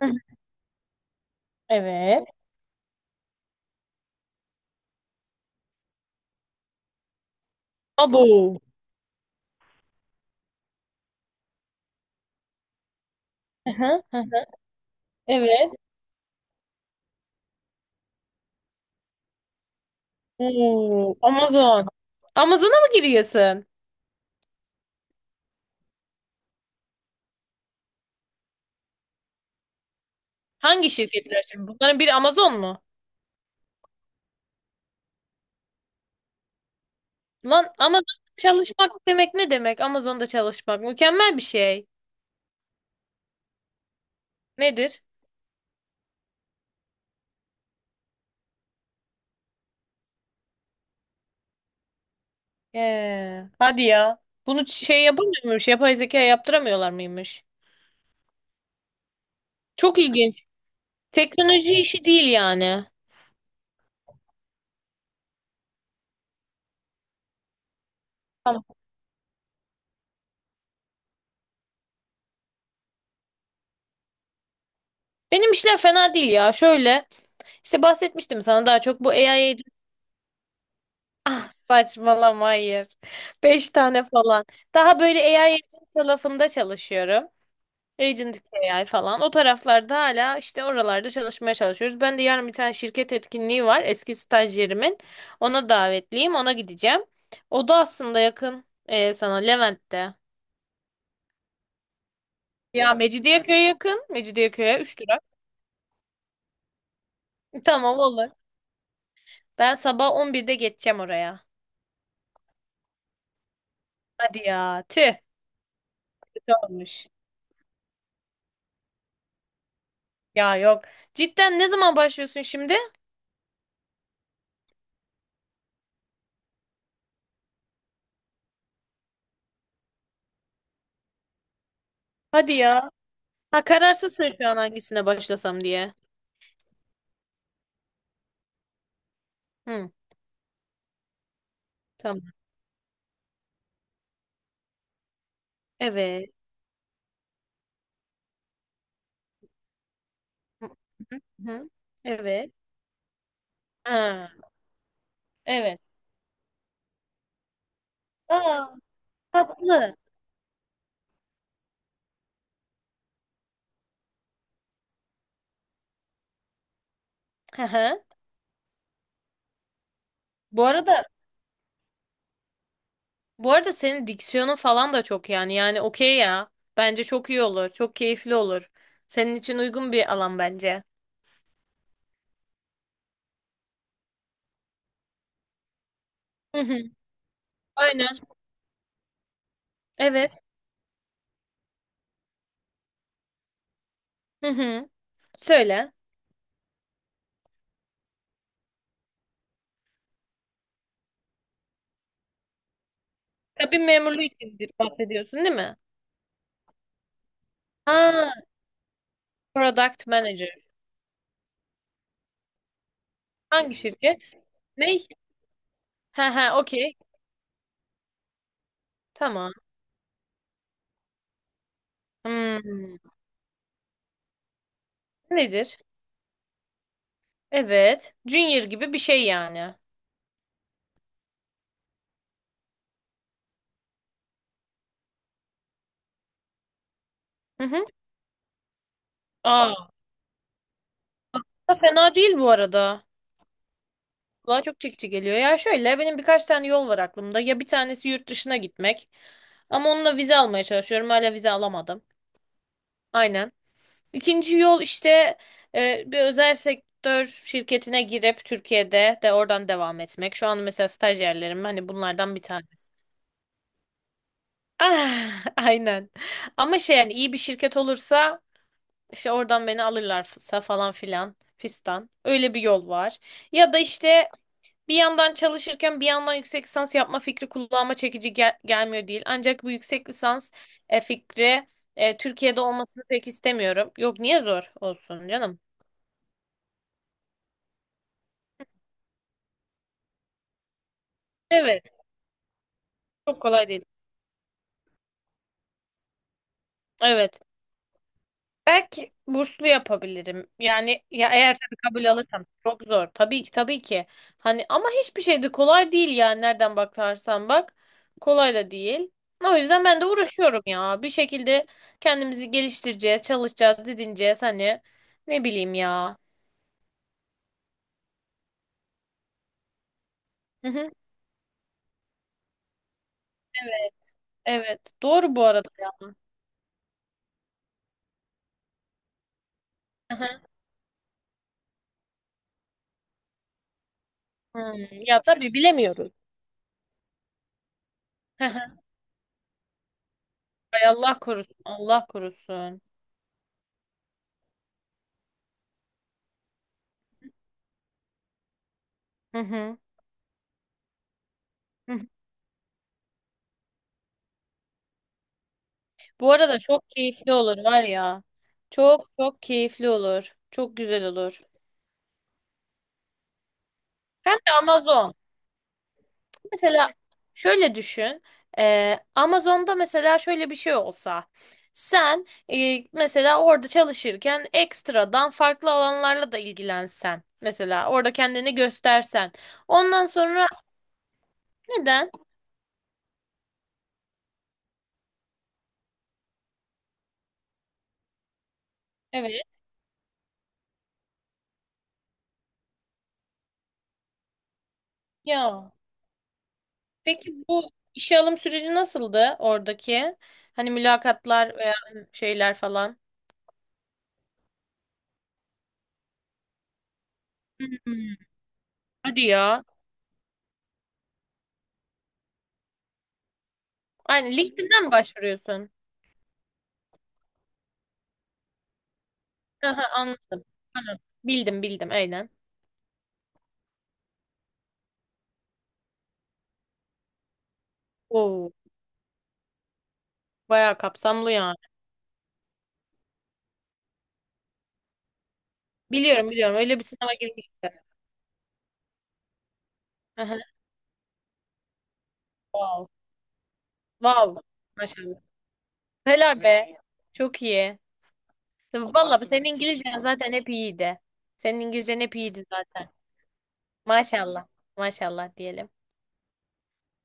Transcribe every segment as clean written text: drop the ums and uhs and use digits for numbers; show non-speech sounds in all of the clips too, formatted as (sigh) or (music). Hı hı. Evet. Abo. Hı hı, hı hı. Evet. Oo, Amazon. Amazon'a mı giriyorsun? Hangi şirketler şimdi? Bunların biri Amazon mu? Lan Amazon çalışmak demek ne demek? Amazon'da çalışmak mükemmel bir şey. Nedir? Hadi ya. Bunu şey yapamıyor muymuş? Yapay zeka yaptıramıyorlar mıymış? Çok ilginç. Teknoloji işi değil yani. Tamam. Benim işler fena değil ya. Şöyle işte bahsetmiştim sana daha çok bu AI. Saçmalama hayır. Beş tane falan. Daha böyle AI agent tarafında çalışıyorum. Agent AI falan. O taraflarda hala işte oralarda çalışmaya çalışıyoruz. Ben de yarın bir tane şirket etkinliği var. Eski stajyerimin. Ona davetliyim. Ona gideceğim. O da aslında yakın sana Levent'te. Ya Mecidiyeköy yakın. Mecidiyeköy'e 3 lira. (laughs) Tamam olur. Ben sabah 11'de geçeceğim oraya. Hadi ya. Tüh. Kötü olmuş. Ya yok. Cidden ne zaman başlıyorsun şimdi? Hadi ya. Ha, kararsızsın şu an hangisine başlasam diye. Hı, tamam. Evet. Hı, hı, hı. Evet. Ha, evet. Aa, tatlı. Hı hı. Bu arada bu arada senin diksiyonun falan da çok yani. Yani okey ya. Bence çok iyi olur. Çok keyifli olur. Senin için uygun bir alan bence. Hı hı. Aynen. Evet. Hı hı. Söyle. Kabin memurluğu için bahsediyorsun değil mi? Ha, product manager. Hangi şirket? Ne? Ha ha, okey. Tamam. Hmm. Nedir? Evet. Junior gibi bir şey yani. Hı hı. Aa. Da fena değil bu arada. Kulağa çok çekici geliyor. Ya şöyle benim birkaç tane yol var aklımda. Ya bir tanesi yurt dışına gitmek. Ama onunla vize almaya çalışıyorum. Hala vize alamadım. Aynen. İkinci yol işte bir özel sektör şirketine girip Türkiye'de de oradan devam etmek. Şu an mesela stajyerlerim hani bunlardan bir tanesi. Ah, (laughs) aynen. Ama şey yani iyi bir şirket olursa, İşte oradan beni alırlarsa falan filan fistan. Öyle bir yol var. Ya da işte bir yandan çalışırken bir yandan yüksek lisans yapma fikri kulağıma çekici gelmiyor değil. Ancak bu yüksek lisans fikri Türkiye'de olmasını pek istemiyorum. Yok niye zor olsun canım? Evet, çok kolay değil. Evet. Belki burslu yapabilirim. Yani ya eğer tabii kabul alırsam çok zor. Tabii ki, tabii ki. Hani ama hiçbir şey de kolay değil yani nereden bakarsan bak. Kolay da değil. O yüzden ben de uğraşıyorum ya. Bir şekilde kendimizi geliştireceğiz, çalışacağız, didineceğiz hani. Ne bileyim ya. Hı hı. Evet, evet. Doğru bu arada ya. Hı hı. Hmm. Ya tabii bilemiyoruz. Hı hı. Ay, Allah korusun, Allah korusun. Hı hı. Hı hı. Bu arada çok keyifli olur var ya. Çok çok keyifli olur. Çok güzel olur. Hem de Amazon. Mesela şöyle düşün. Amazon'da mesela şöyle bir şey olsa. Sen mesela orada çalışırken ekstradan farklı alanlarla da ilgilensen. Mesela orada kendini göstersen. Ondan sonra neden? Evet. Ya. Peki bu işe alım süreci nasıldı oradaki? Hani mülakatlar veya şeyler falan. Hmm. Hadi ya. Aynen, LinkedIn'den mi başvuruyorsun? Aha, anladım. Tamam. Bildim, bildim, aynen. Oo, bayağı kapsamlı yani. Biliyorum, biliyorum, öyle bir sınava girmiştim. Aha, wow. Wow. Maşallah. Helal be. Çok iyi. Vallahi senin İngilizcen zaten hep iyiydi. Senin İngilizcen hep iyiydi zaten. Maşallah. Maşallah diyelim.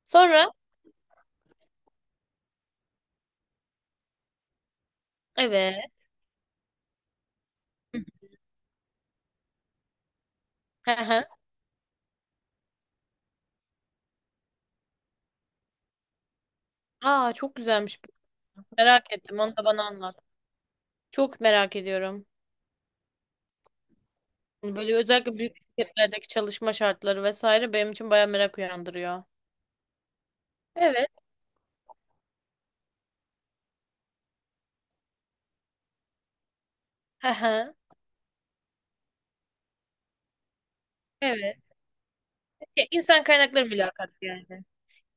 Sonra evet. Aha. Aa, çok güzelmiş bu. Merak ettim. Onu da bana anlat. Çok merak ediyorum. Yani böyle özellikle büyük şirketlerdeki çalışma şartları vesaire benim için bayağı merak uyandırıyor. Evet. Hı hı. Evet. Ya, insan kaynakları mülakatı yani.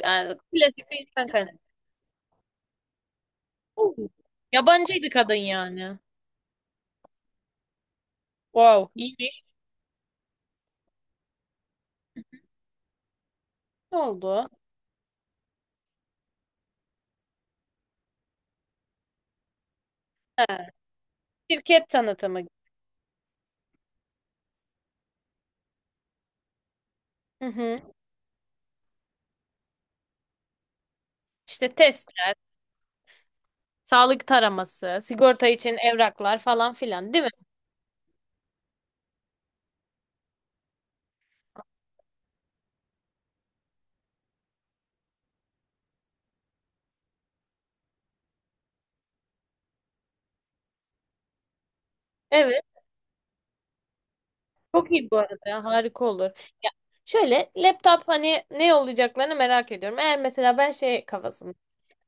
Yani klasik bir insan kaynakları. Oo. Yabancıydı kadın yani. Wow, iyiymiş. Ne oldu? He. Şirket tanıtımı. Hı hı. İşte test, sağlık taraması, sigorta için evraklar falan filan, değil mi? Evet. Çok iyi bu arada. Harika olur. Ya şöyle, laptop hani ne olacaklarını merak ediyorum. Eğer mesela ben şey kafasındayım.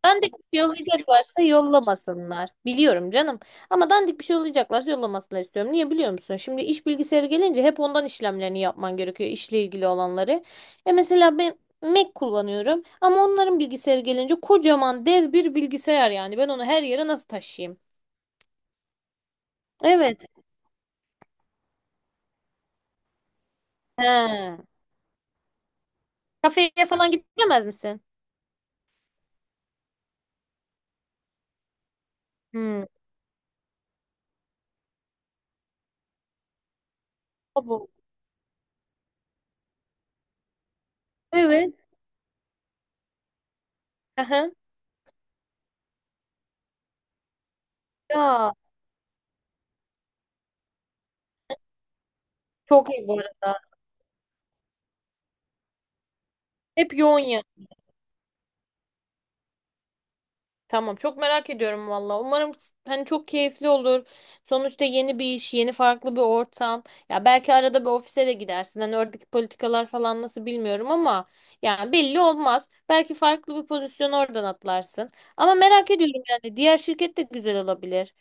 Dandik bir şey yollayacaklarsa yollamasınlar. Biliyorum canım. Ama dandik bir şey yollayacaklarsa yollamasınlar istiyorum. Niye biliyor musun? Şimdi iş bilgisayarı gelince hep ondan işlemlerini yapman gerekiyor, işle ilgili olanları. E, mesela ben Mac kullanıyorum. Ama onların bilgisayarı gelince kocaman dev bir bilgisayar yani. Ben onu her yere nasıl taşıyayım? Evet. He. Kafeye falan gidemez misin? Hmm. Abo. Evet. Aha. Ya, çok iyi bu arada. Hep yoğun ya. Tamam, çok merak ediyorum valla. Umarım hani çok keyifli olur. Sonuçta yeni bir iş, yeni farklı bir ortam. Ya belki arada bir ofise de gidersin. Hani oradaki politikalar falan nasıl bilmiyorum ama yani belli olmaz. Belki farklı bir pozisyon oradan atlarsın. Ama merak ediyorum yani, diğer şirket de güzel olabilir.